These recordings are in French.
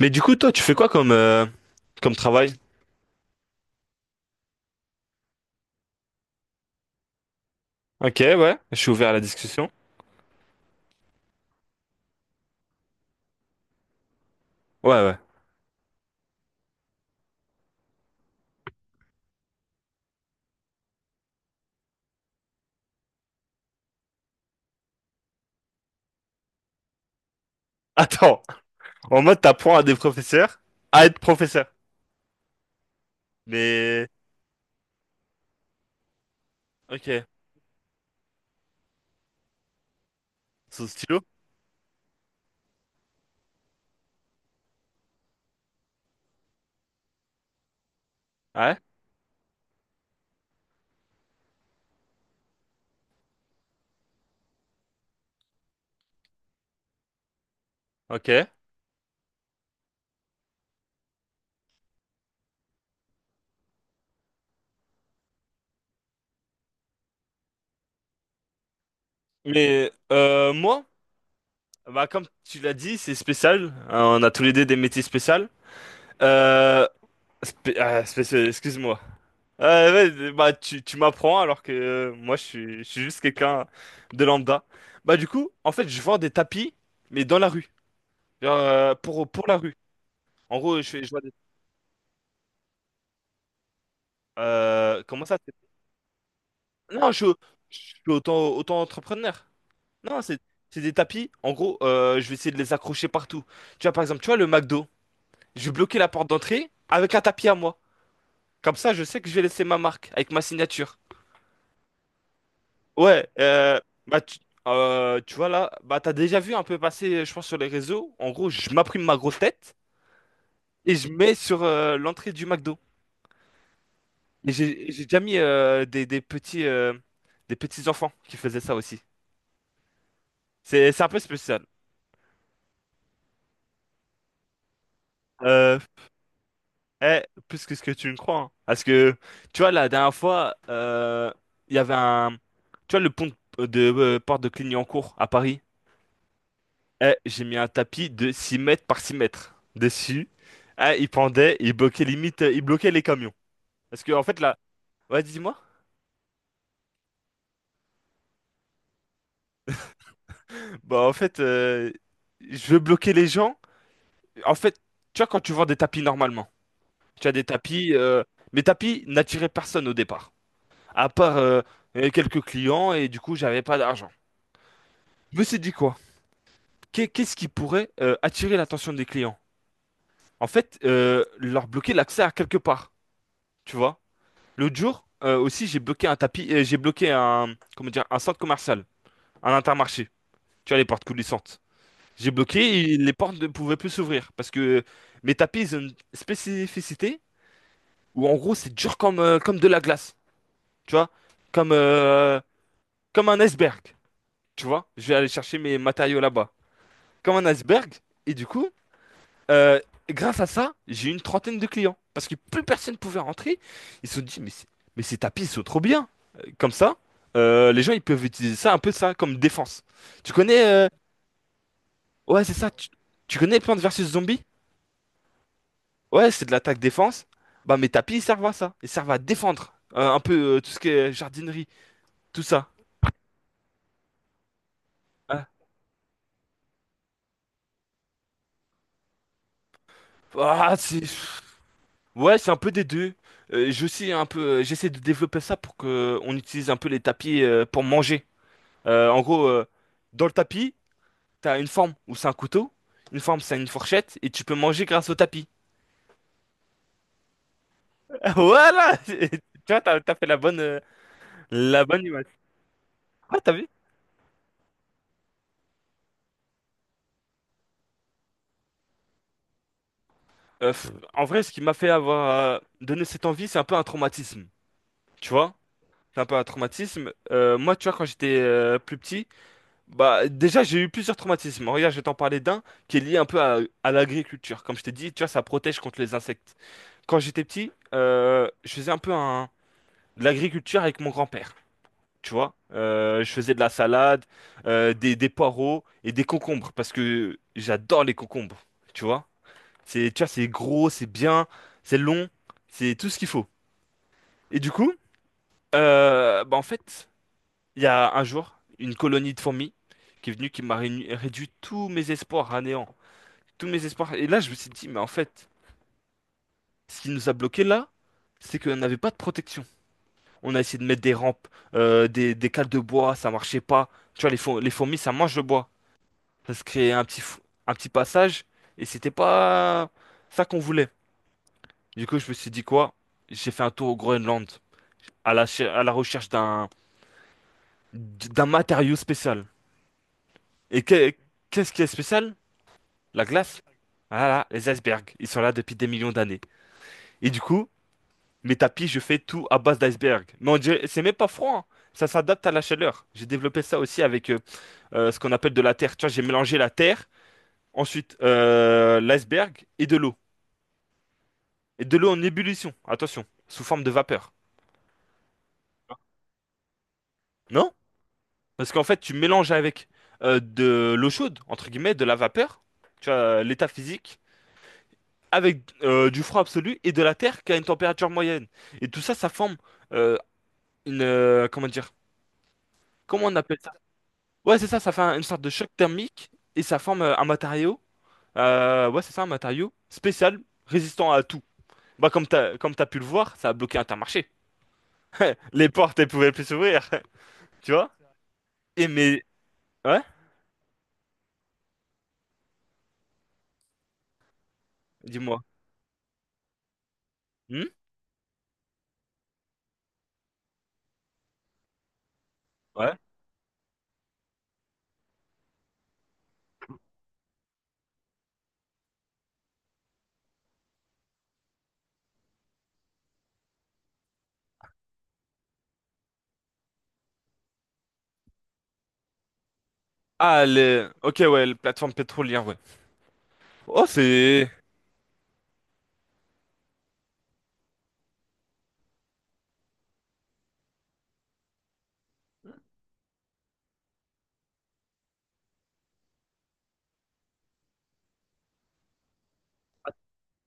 Mais du coup, toi, tu fais quoi comme, comme travail? Ok, ouais, je suis ouvert à la discussion. Ouais. Attends, en mode t'apprends à des professeurs à être professeur. Mais, ok, sous stylo? Ouais, ok. Mais moi, bah, comme tu l'as dit, c'est spécial. On a tous les deux des métiers spéciaux. Euh, Spécial, excuse-moi. Ouais, bah, tu m'apprends alors que moi, je suis juste quelqu'un de lambda. Bah, du coup, en fait, je vends des tapis, mais dans la rue. Pour la rue. En gros, je fais, je vois des- Comment ça? Non, je suis autant entrepreneur. Non, C'est des tapis. En gros, je vais essayer de les accrocher partout. Tu vois, par exemple, tu vois le McDo. Je vais bloquer la porte d'entrée avec un tapis à moi. Comme ça, je sais que je vais laisser ma marque avec ma signature. Ouais, bah, tu vois là, bah, t'as déjà vu un peu passer, je pense, sur les réseaux. En gros, je m'imprime ma grosse tête et je mets sur l'entrée du McDo. Et j'ai déjà mis des petits enfants qui faisaient ça aussi. C'est un peu spécial. Euh, eh, Plus que ce que tu ne crois, hein. Parce que tu vois la dernière fois, il y avait un tu vois le pont de Porte de Clignancourt à Paris. Eh, j'ai mis un tapis de 6 mètres par 6 mètres dessus. Eh, il pendait, il bloquait limite, il bloquait les camions. Parce que en fait là, ouais, dis-moi. Bah en fait, je veux bloquer les gens. En fait, tu vois quand tu vends des tapis normalement. Tu as des tapis. Mes tapis n'attiraient personne au départ, à part quelques clients, et du coup, j'avais pas d'argent. Je me suis dit quoi? Qu'est-ce qui pourrait attirer l'attention des clients? En fait, leur bloquer l'accès à quelque part, tu vois. L'autre jour, aussi, j'ai bloqué un, comment dire, un centre commercial, un Intermarché. Tu vois, les portes coulissantes. J'ai bloqué, et les portes ne pouvaient plus s'ouvrir parce que mes tapis ils ont une spécificité où en gros c'est dur comme, comme de la glace, tu vois, comme euh, comme un iceberg, tu vois. Je vais aller chercher mes matériaux là-bas, comme un iceberg. Et du coup, euh, grâce à ça, j'ai eu une trentaine de clients. Parce que plus personne pouvait rentrer. Ils se sont dit, mais, mais ces tapis, ils sont trop bien. Comme ça, les gens, ils peuvent utiliser ça, un peu ça, comme défense. Tu connais... euh, Ouais, c'est ça. Tu connais Plants vs Zombies? Ouais, c'est de l'attaque défense. Bah, mes tapis, ils servent à ça. Ils servent à défendre. Un peu tout ce qui est jardinerie, tout ça. Ah, c'est... Ouais, c'est un peu des deux. Je sais un peu, j'essaie de développer ça pour que on utilise un peu les tapis pour manger. Euh, en gros, euh, Dans le tapis, t'as une forme où c'est un couteau, une forme c'est une fourchette, et tu peux manger grâce au tapis. Voilà! Tu vois, t'as fait la bonne image. Ah, t'as vu? En vrai, ce qui m'a fait avoir donné cette envie, c'est un peu un traumatisme. Tu vois? C'est un peu un traumatisme. Moi, tu vois, quand j'étais plus petit. Bah, déjà, j'ai eu plusieurs traumatismes. Regarde, je vais t'en parler d'un qui est lié un peu à l'agriculture. Comme je t'ai dit, tu vois, ça protège contre les insectes. Quand j'étais petit, je faisais un peu un, de l'agriculture avec mon grand-père. Tu vois, je faisais de la salade, des poireaux et des concombres parce que j'adore les concombres. Tu vois, tu vois, c'est gros, c'est bien, c'est long, c'est tout ce qu'il faut. Et du coup, en fait, il y a un jour, une colonie de fourmis qui est venue, réduit tous mes espoirs à néant. Tous mes espoirs. Et là, je me suis dit, mais en fait, ce qui nous a bloqués là, c'est qu'on n'avait pas de protection. On a essayé de mettre des rampes, des cales de bois, ça marchait pas. Tu vois, les fourmis, ça mange le bois. Ça se créait un petit passage, et c'était pas ça qu'on voulait. Du coup, je me suis dit quoi? J'ai fait un tour au Groenland, à la recherche d'un matériau spécial. Et que- Qu'est-ce qui est spécial? La glace? Ah là, les icebergs, ils sont là depuis des millions d'années. Et du coup, mes tapis, je fais tout à base d'icebergs. C'est même pas froid, hein. Ça s'adapte à la chaleur. J'ai développé ça aussi avec ce qu'on appelle de la terre. Tu vois, j'ai mélangé la terre, ensuite l'iceberg et de l'eau. Et de l'eau en ébullition, attention, sous forme de vapeur. Non? Parce qu'en fait, tu mélanges avec de l'eau chaude, entre guillemets, de la vapeur, tu vois, l'état physique, avec du froid absolu et de la terre qui a une température moyenne. Et tout ça, ça forme euh, une comment dire? Comment on appelle ça? Ouais, c'est ça, une sorte de choc thermique et ça forme un matériau. Ouais, c'est ça, un matériau spécial, résistant à tout. Bah comme t'as pu le voir, ça a bloqué Intermarché. Les portes, elles pouvaient plus s'ouvrir, tu vois? Et mais ouais, dis-moi. Hmm. Ouais. Ah les OK ouais, la plateforme pétrolière, ouais. Oh, c'est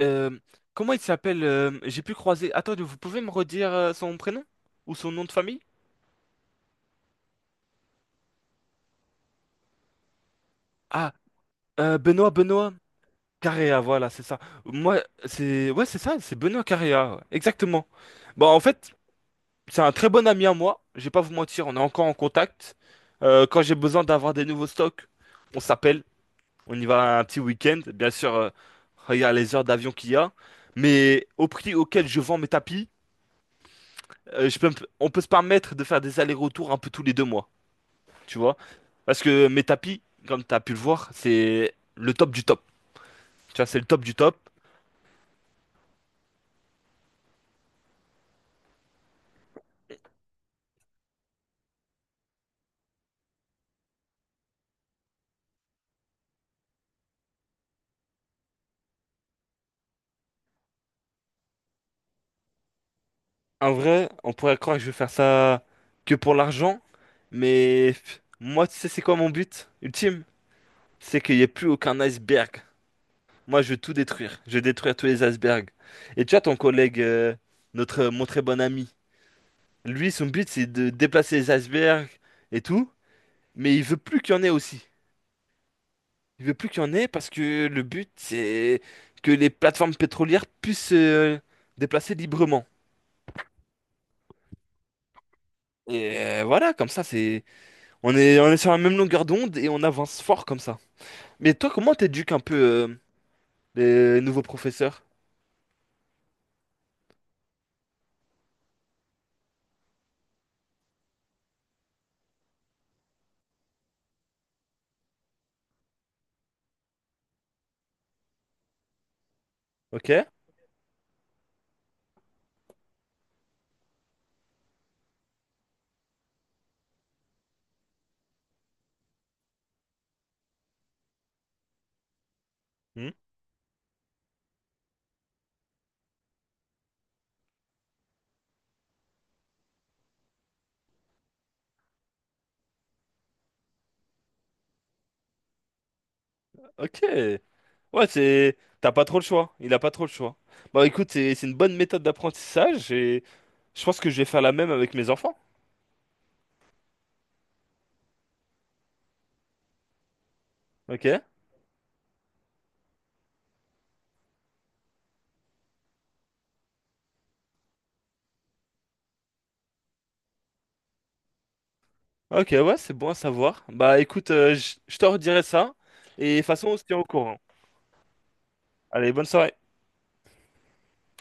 euh, comment il s'appelle j'ai pu croiser. Attendez, vous pouvez me redire son prénom ou son nom de famille? Ah, Benoît. Carrea, voilà, c'est ça. Moi, c'est ouais, c'est ça, c'est Benoît Carrea, ouais, exactement. Bon, en fait, c'est un très bon ami à moi. Je vais pas vous mentir, on est encore en contact. Quand j'ai besoin d'avoir des nouveaux stocks, on s'appelle, on y va un petit week-end. Bien sûr, regarde les heures d'avion qu'il y a, mais au prix auquel je vends mes tapis, euh, je peux, me- on peut se permettre de faire des allers-retours un peu tous les 2 mois, tu vois? Parce que mes tapis, comme tu as pu le voir, c'est le top du top. Tu vois, c'est le top du top. En vrai, on pourrait croire que je vais faire ça que pour l'argent, mais pff, moi, tu sais, c'est quoi mon but ultime? C'est qu'il n'y ait plus aucun iceberg. Moi, je veux tout détruire. Je veux détruire tous les icebergs. Et tu vois, ton collègue, mon très bon ami, lui, son but, c'est de déplacer les icebergs et tout, mais il veut plus qu'il y en ait aussi. Il veut plus qu'il y en ait parce que le but, c'est que les plateformes pétrolières puissent, déplacer librement. Et voilà, comme ça, c'est on est sur la même longueur d'onde et on avance fort comme ça. Mais toi, comment t'éduques un peu les nouveaux professeurs? Ok? Hmm. Ok. Ouais, c'est... T'as pas trop le choix. Il a pas trop le choix. Bah écoute, c'est une bonne méthode d'apprentissage et je pense que je vais faire la même avec mes enfants. Ok? Ok, ouais, c'est bon à savoir. Bah écoute, je te redirai ça et de toute façon, on se tient au courant. Allez, bonne soirée.